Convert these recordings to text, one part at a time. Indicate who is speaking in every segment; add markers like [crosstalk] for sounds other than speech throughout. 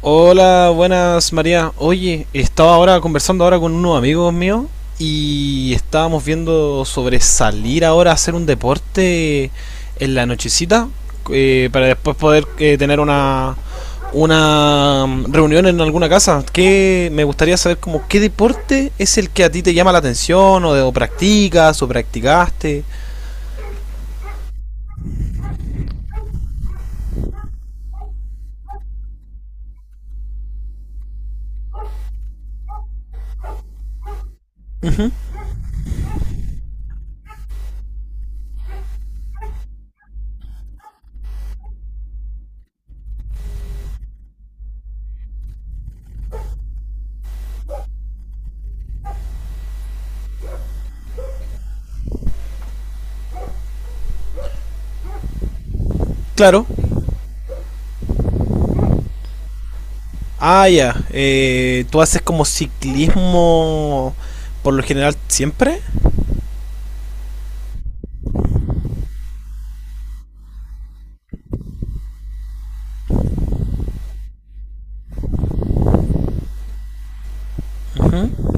Speaker 1: Hola, buenas María. Oye, estaba ahora conversando ahora con unos amigos míos y estábamos viendo sobre salir ahora a hacer un deporte en la nochecita, para después poder tener una una reunión en alguna casa. Que me gustaría saber como qué deporte es el que a ti te llama la atención o, o practicas o practicaste. Claro. Ah, ya. ¿Tú haces como ciclismo por lo general siempre? Ujú.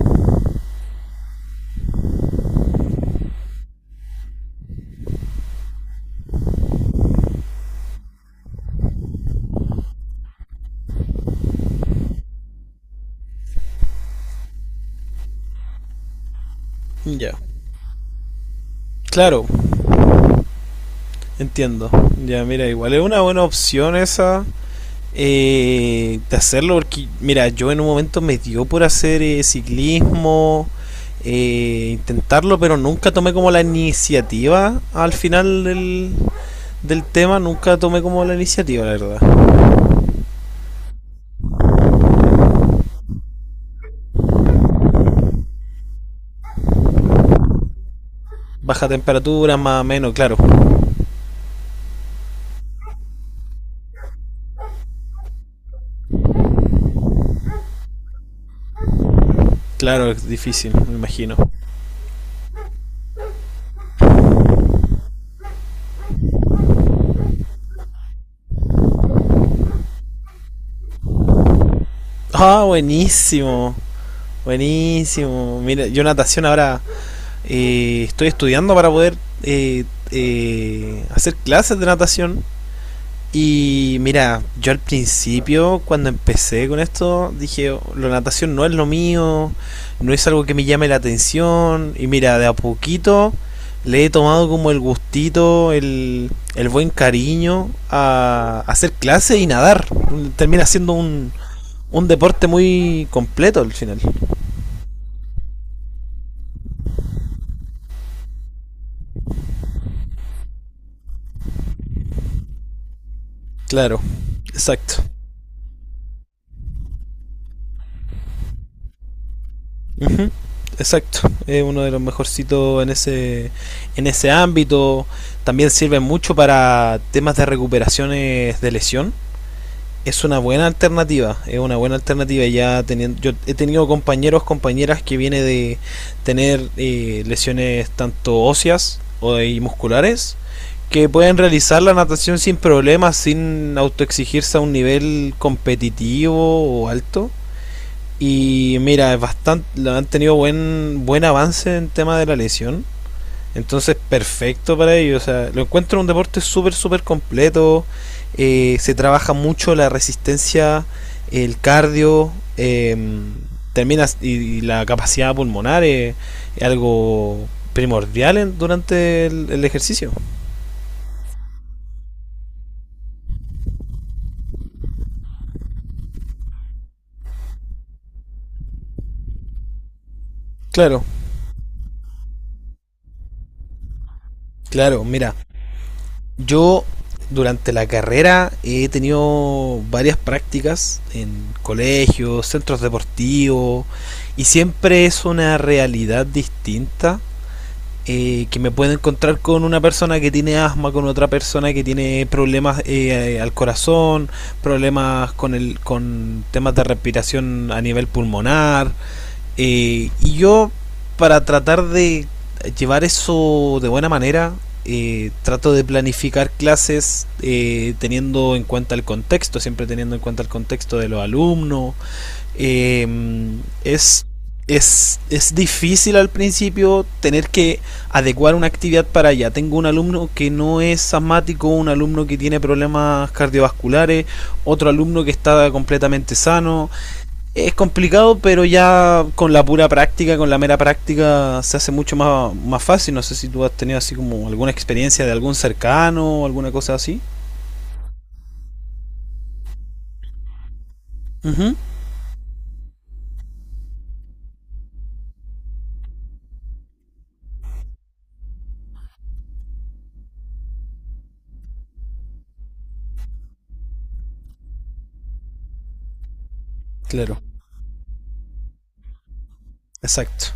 Speaker 1: Ya. Claro, entiendo. Ya, mira, igual es una buena opción esa de hacerlo porque, mira, yo en un momento me dio por hacer ciclismo, intentarlo, pero nunca tomé como la iniciativa al final del, del tema, nunca tomé como la iniciativa, la verdad. Baja temperatura, más o menos, claro. Claro, es difícil, me imagino. Ah, buenísimo. Buenísimo. Mira, yo natación ahora estoy estudiando para poder eh, hacer clases de natación. Y mira, yo al principio, cuando empecé con esto, dije, "Oh, la natación no es lo mío, no es algo que me llame la atención. Y mira, de a poquito le he tomado como el gustito, el buen cariño a hacer clases y nadar. Termina siendo un deporte muy completo al final. Claro, exacto. Ujú. Exacto, es uno de los mejorcitos en ese ámbito. También sirve mucho para temas de recuperaciones de lesión. Es una buena alternativa, es una buena alternativa. Ya teniendo, yo he tenido compañeros, compañeras que viene de tener lesiones tanto óseas o y musculares que pueden realizar la natación sin problemas, sin autoexigirse a un nivel competitivo o alto. Y mira, es bastante, han tenido buen avance en tema de la lesión. Entonces, perfecto para ellos. O sea, lo encuentro un deporte súper, súper completo. Se trabaja mucho la resistencia, el cardio, eh, terminas la capacidad pulmonar es algo primordial en, durante el ejercicio. Claro, claro, mira. Yo durante la carrera he tenido varias prácticas en colegios, centros deportivos, y siempre es una realidad distinta que me puedo encontrar con una persona que tiene asma, con otra persona que tiene problemas al corazón, problemas con el con temas de respiración a nivel pulmonar, yo, para tratar de llevar eso de buena manera, trato de planificar clases teniendo en cuenta el contexto, siempre teniendo en cuenta el contexto de los alumnos. Eh, es, es difícil al principio tener que adecuar una actividad para allá. Tengo un alumno que no es asmático, un alumno que tiene problemas cardiovasculares, otro alumno que está completamente sano. Es complicado, pero ya con la pura práctica, con la mera práctica, se hace mucho más, más fácil. No sé si tú has tenido así como alguna experiencia de algún cercano o alguna cosa así. Ujú. Claro, exacto.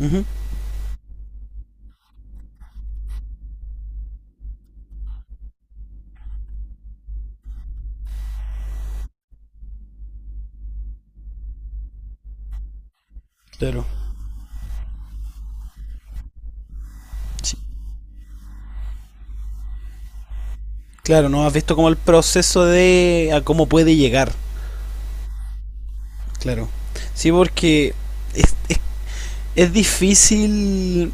Speaker 1: Ujú. Claro. Sí. Claro, no has visto como el proceso de a cómo puede llegar. Claro. Sí, porque es, es difícil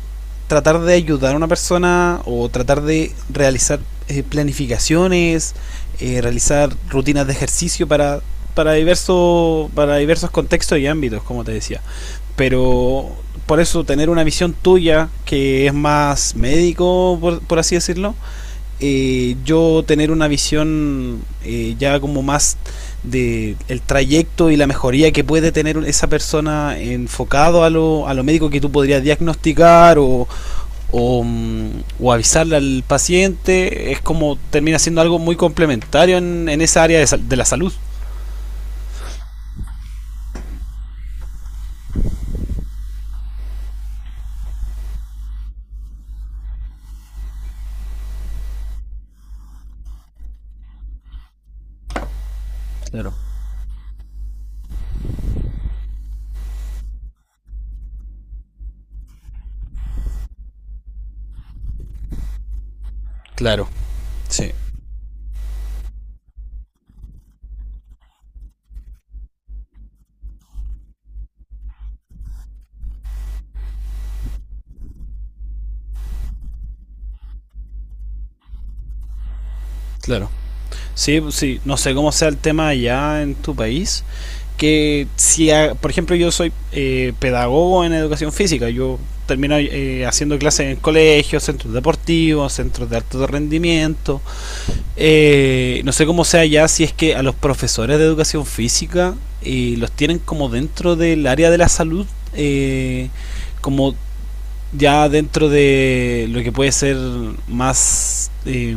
Speaker 1: tratar de ayudar a una persona o tratar de realizar planificaciones, realizar rutinas de ejercicio para diversos contextos y ámbitos, como te decía. Pero por eso tener una visión tuya que es más médico, por así decirlo, yo tener una visión ya como más de el trayecto y la mejoría que puede tener esa persona enfocado a lo médico que tú podrías diagnosticar o, o avisarle al paciente, es como termina siendo algo muy complementario en esa área de la salud. Claro. Claro, sí, claro. Sí, pues sí, no sé cómo sea el tema allá en tu país, que si, por ejemplo, yo soy pedagogo en educación física, yo termino haciendo clases en colegios, centros deportivos, centros de alto rendimiento, no sé cómo sea ya si es que a los profesores de educación física los tienen como dentro del área de la salud, eh, como ya dentro de lo que puede ser más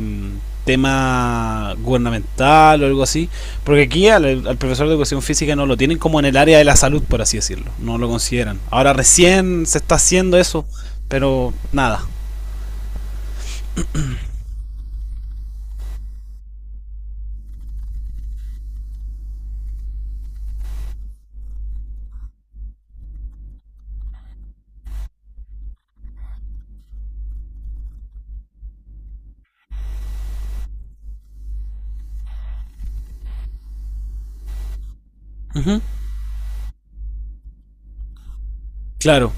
Speaker 1: tema gubernamental o algo así, porque aquí al profesor de educación física no lo tienen como en el área de la salud, por así decirlo, no lo consideran. Ahora recién se está haciendo eso, pero nada. Uh -huh. Claro.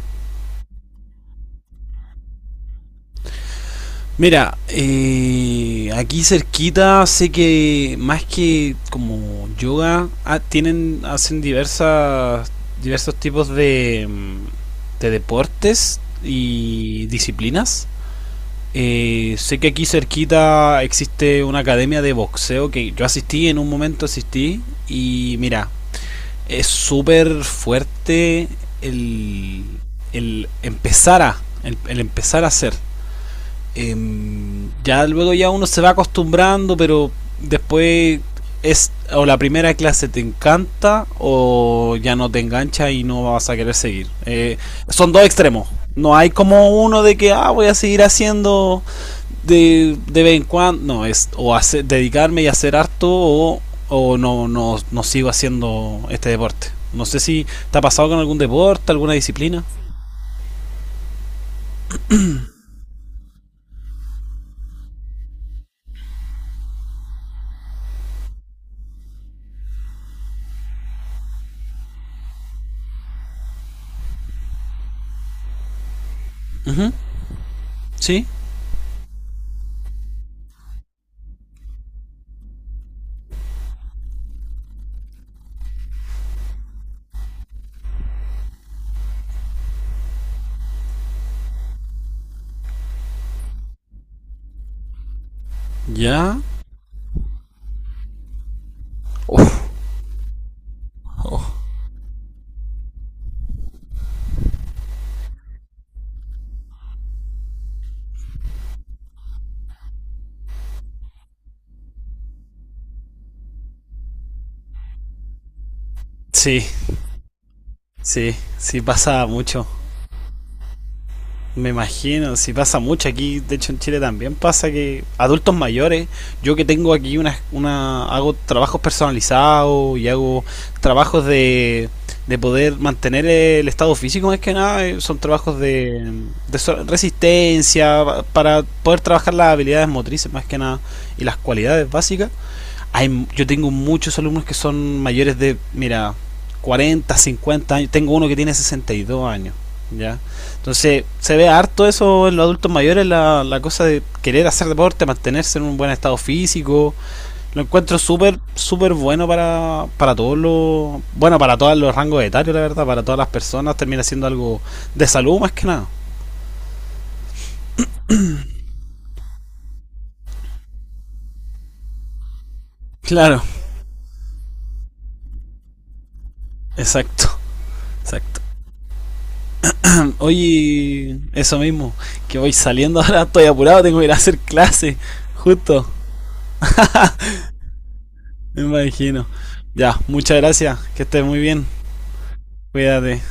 Speaker 1: Mira, aquí cerquita sé que más que como yoga ah, tienen hacen diversas diversos tipos de, de deportes y disciplinas. Sé que aquí cerquita existe una academia de boxeo que yo asistí en un momento asistí y mira, es súper fuerte el, el empezar a hacer eh, ya luego ya uno se va acostumbrando, pero después es o la primera clase te encanta o ya no te engancha y no vas a querer seguir. Son dos extremos. No hay como uno de que ah, voy a seguir haciendo de vez en cuando. No, es o hacer, dedicarme y hacer harto o, no sigo haciendo este deporte. No sé si te ha pasado con algún deporte, alguna disciplina. ¿Sí? ¿Ya? Uf. Sí. Sí, sí pasa mucho. Me imagino, sí pasa mucho aquí, de hecho en Chile también pasa que adultos mayores, yo que tengo aquí una hago trabajos personalizados y hago trabajos de poder mantener el estado físico. Es que nada, son trabajos de, resistencia para poder trabajar las habilidades motrices más que nada y las cualidades básicas. Hay, yo tengo muchos alumnos que son mayores de, mira, 40, 50 años. Tengo uno que tiene 62 años. ¿Ya? Entonces, se ve harto eso en los adultos mayores, la cosa de querer hacer deporte, mantenerse en un buen estado físico. Lo encuentro súper, súper bueno para todos los. Bueno, para todos los rangos etarios, la verdad, para todas las personas. Termina siendo algo de salud más que nada. Claro, exacto, exacto. Oye, eso mismo, que voy saliendo [laughs] ahora, estoy apurado, tengo que ir a hacer clase, justo, me imagino. Ya, muchas gracias, que estés muy bien, cuídate.